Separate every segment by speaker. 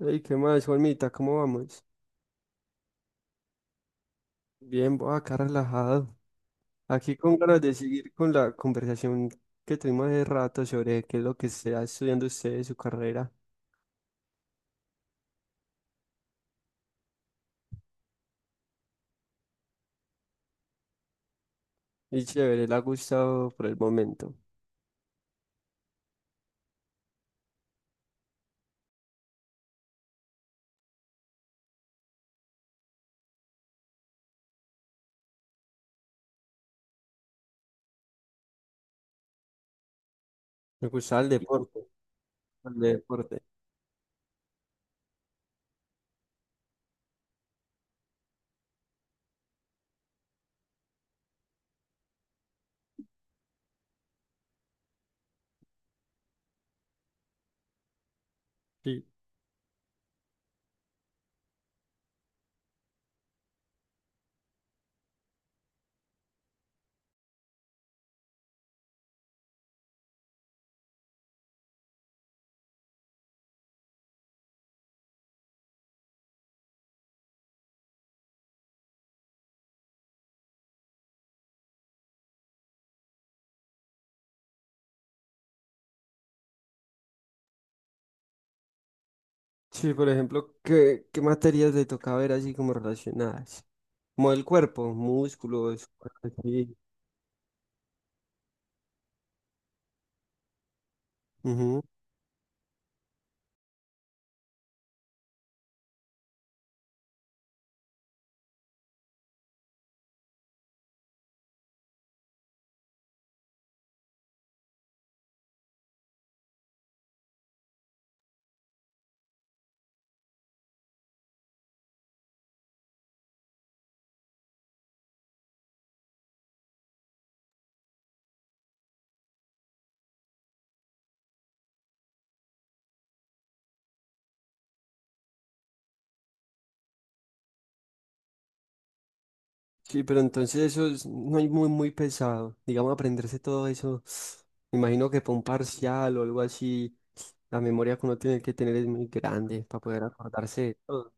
Speaker 1: Ey, ¿qué más, Juanmita? ¿Cómo vamos? Bien, voy acá relajado. Aquí con ganas de seguir con la conversación que tuvimos hace rato sobre qué es lo que está estudiando usted de su carrera. Y chévere, le ha gustado por el momento. Me gusta el deporte, el deporte. Sí. Sí, por ejemplo, ¿qué materias le toca ver así como relacionadas? Como el cuerpo, músculos, cosas así. Ujú. Sí, pero entonces no hay muy pesado. Digamos, aprenderse todo eso. Me imagino que para un parcial o algo así, la memoria que uno tiene que tener es muy grande para poder acordarse de todo.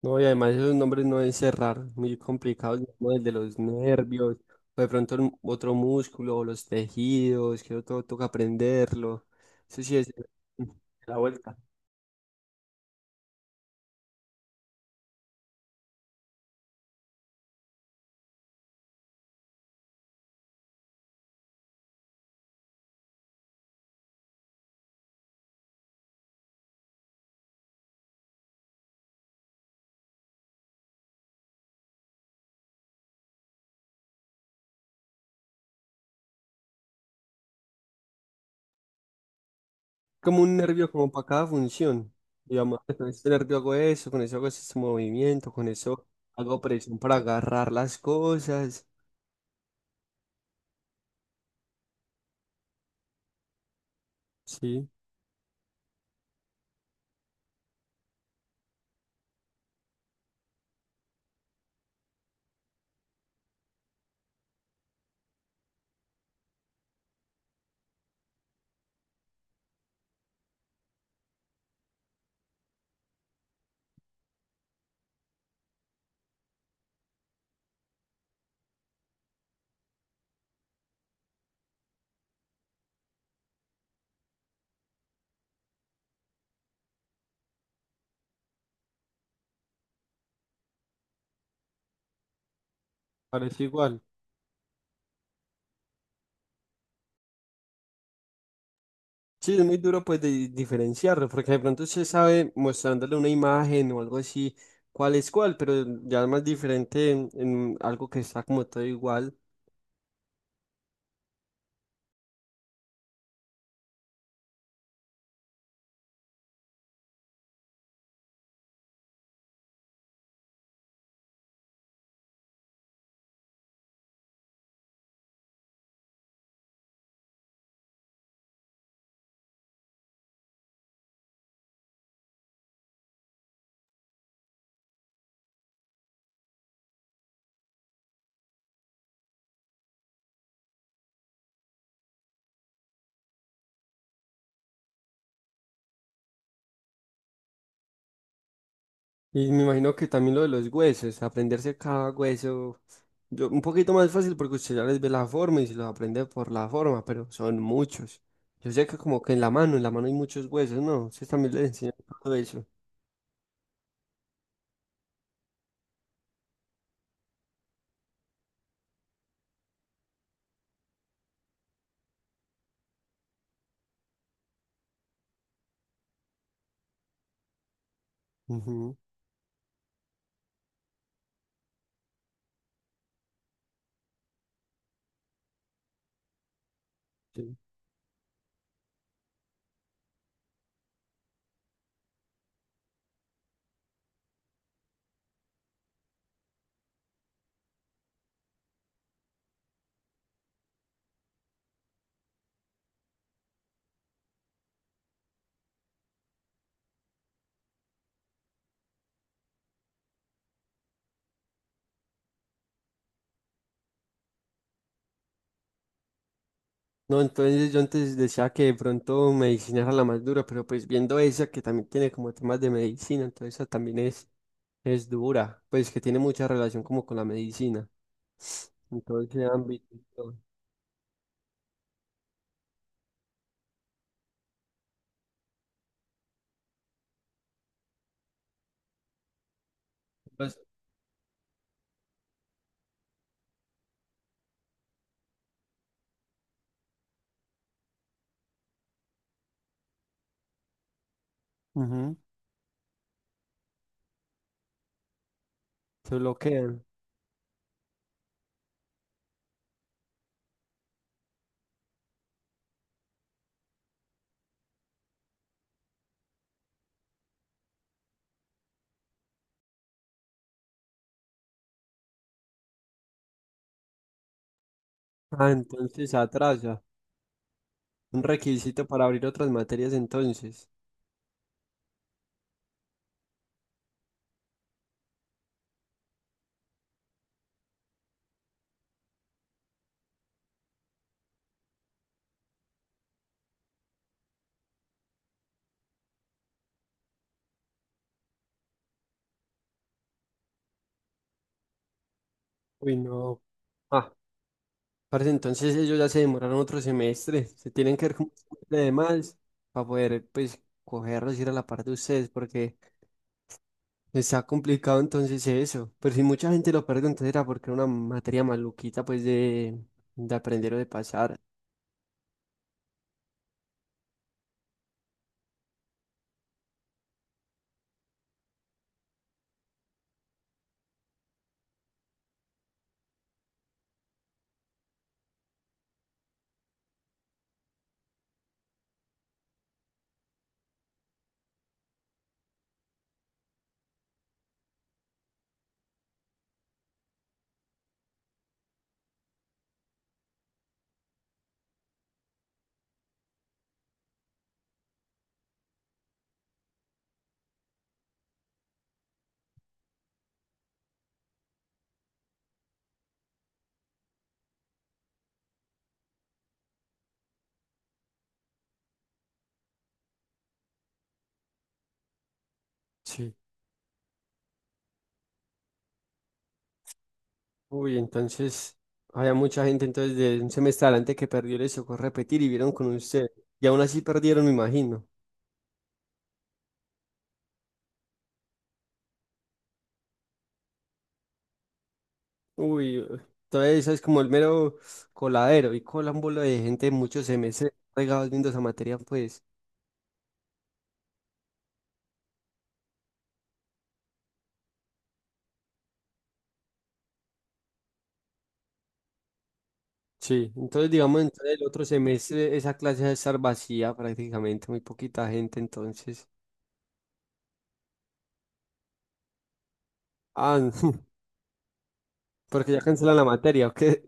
Speaker 1: No, y además esos nombres no deben ser raros, muy complicados, como el de los nervios, o de pronto el otro músculo, o los tejidos, que todo toca aprenderlo. Eso sí es la vuelta. Como un nervio como para cada función. Digamos, con este nervio hago eso, con eso hago ese movimiento, con eso hago presión para agarrar las cosas. Sí, parece igual. Sí, es muy duro pues de diferenciarlo, porque de pronto se sabe mostrándole una imagen o algo así, cuál es cuál, pero ya es más diferente en algo que está como todo igual. Y me imagino que también lo de los huesos, aprenderse cada hueso, yo, un poquito más fácil porque usted ya les ve la forma y se los aprende por la forma, pero son muchos. Yo sé que como que en la mano hay muchos huesos, ¿no? Ustedes también les enseñan todo eso. Ujú, sí. No, entonces yo antes decía que de pronto medicina era la más dura, pero pues viendo esa que también tiene como temas de medicina, entonces esa también es dura, pues que tiene mucha relación como con la medicina. Entonces, ámbito y todo. Pues, ujú. Se bloquean. Ah, entonces atrasa. Un requisito para abrir otras materias entonces. Uy, no. Ah, parece entonces ellos ya se demoraron otro semestre. Se tienen que ver con un semestre de más para poder, pues, cogerlos y ir a la par de ustedes porque está complicado entonces eso. Pero si mucha gente lo perdió, entonces era porque era una materia maluquita, pues, de aprender o de pasar. Sí. Uy, entonces había mucha gente entonces de un semestre adelante que perdió, les tocó repetir y vieron con usted. Y aún así perdieron, me imagino. Uy, todo eso es como el mero coladero y colan bola de gente de muchos semestres regados viendo esa materia, pues. Sí, entonces digamos, entonces el otro semestre esa clase va a estar vacía prácticamente, muy poquita gente entonces. Ah, porque ya cancelan la materia, ¿o qué?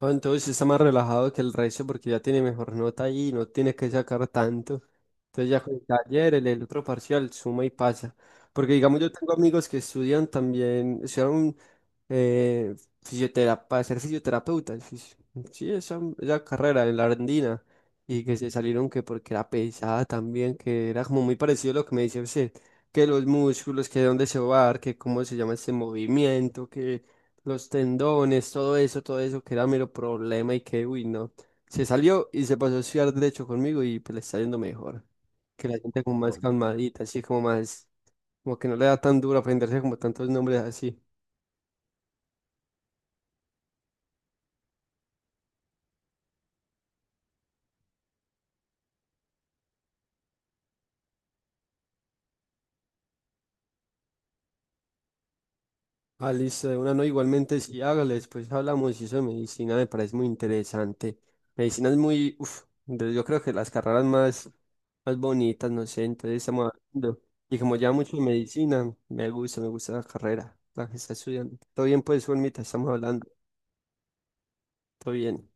Speaker 1: Ah, entonces está más relajado que el resto porque ya tiene mejor nota ahí y no tiene que sacar tanto. Entonces ya con el taller, el otro parcial, suma y pasa. Porque digamos, yo tengo amigos que estudian también, estudiaron eh, para ser fisioterapeuta. Sí, sí, esa carrera en la Argentina. Y que se salieron que porque era pesada también, que era como muy parecido a lo que me dice usted, que los músculos, que de dónde se va a dar, que cómo se llama ese movimiento, que los tendones, todo eso, que era mero problema y que, uy, no. Se salió y se pasó a estudiar derecho conmigo y pues le está yendo mejor. Que la gente como más, bueno, calmadita, así como más, como que no le da tan duro aprenderse como tantos nombres así. Ah, listo, de una no, igualmente sí, hágale, después hablamos y eso de medicina me parece muy interesante. Medicina es muy, uff, yo creo que las carreras más, más bonitas, no sé, entonces estamos hablando. Y como ya mucho de medicina, me gusta la carrera, la que está estudiando. Todo bien, pues, Juanmita, estamos hablando, todo bien.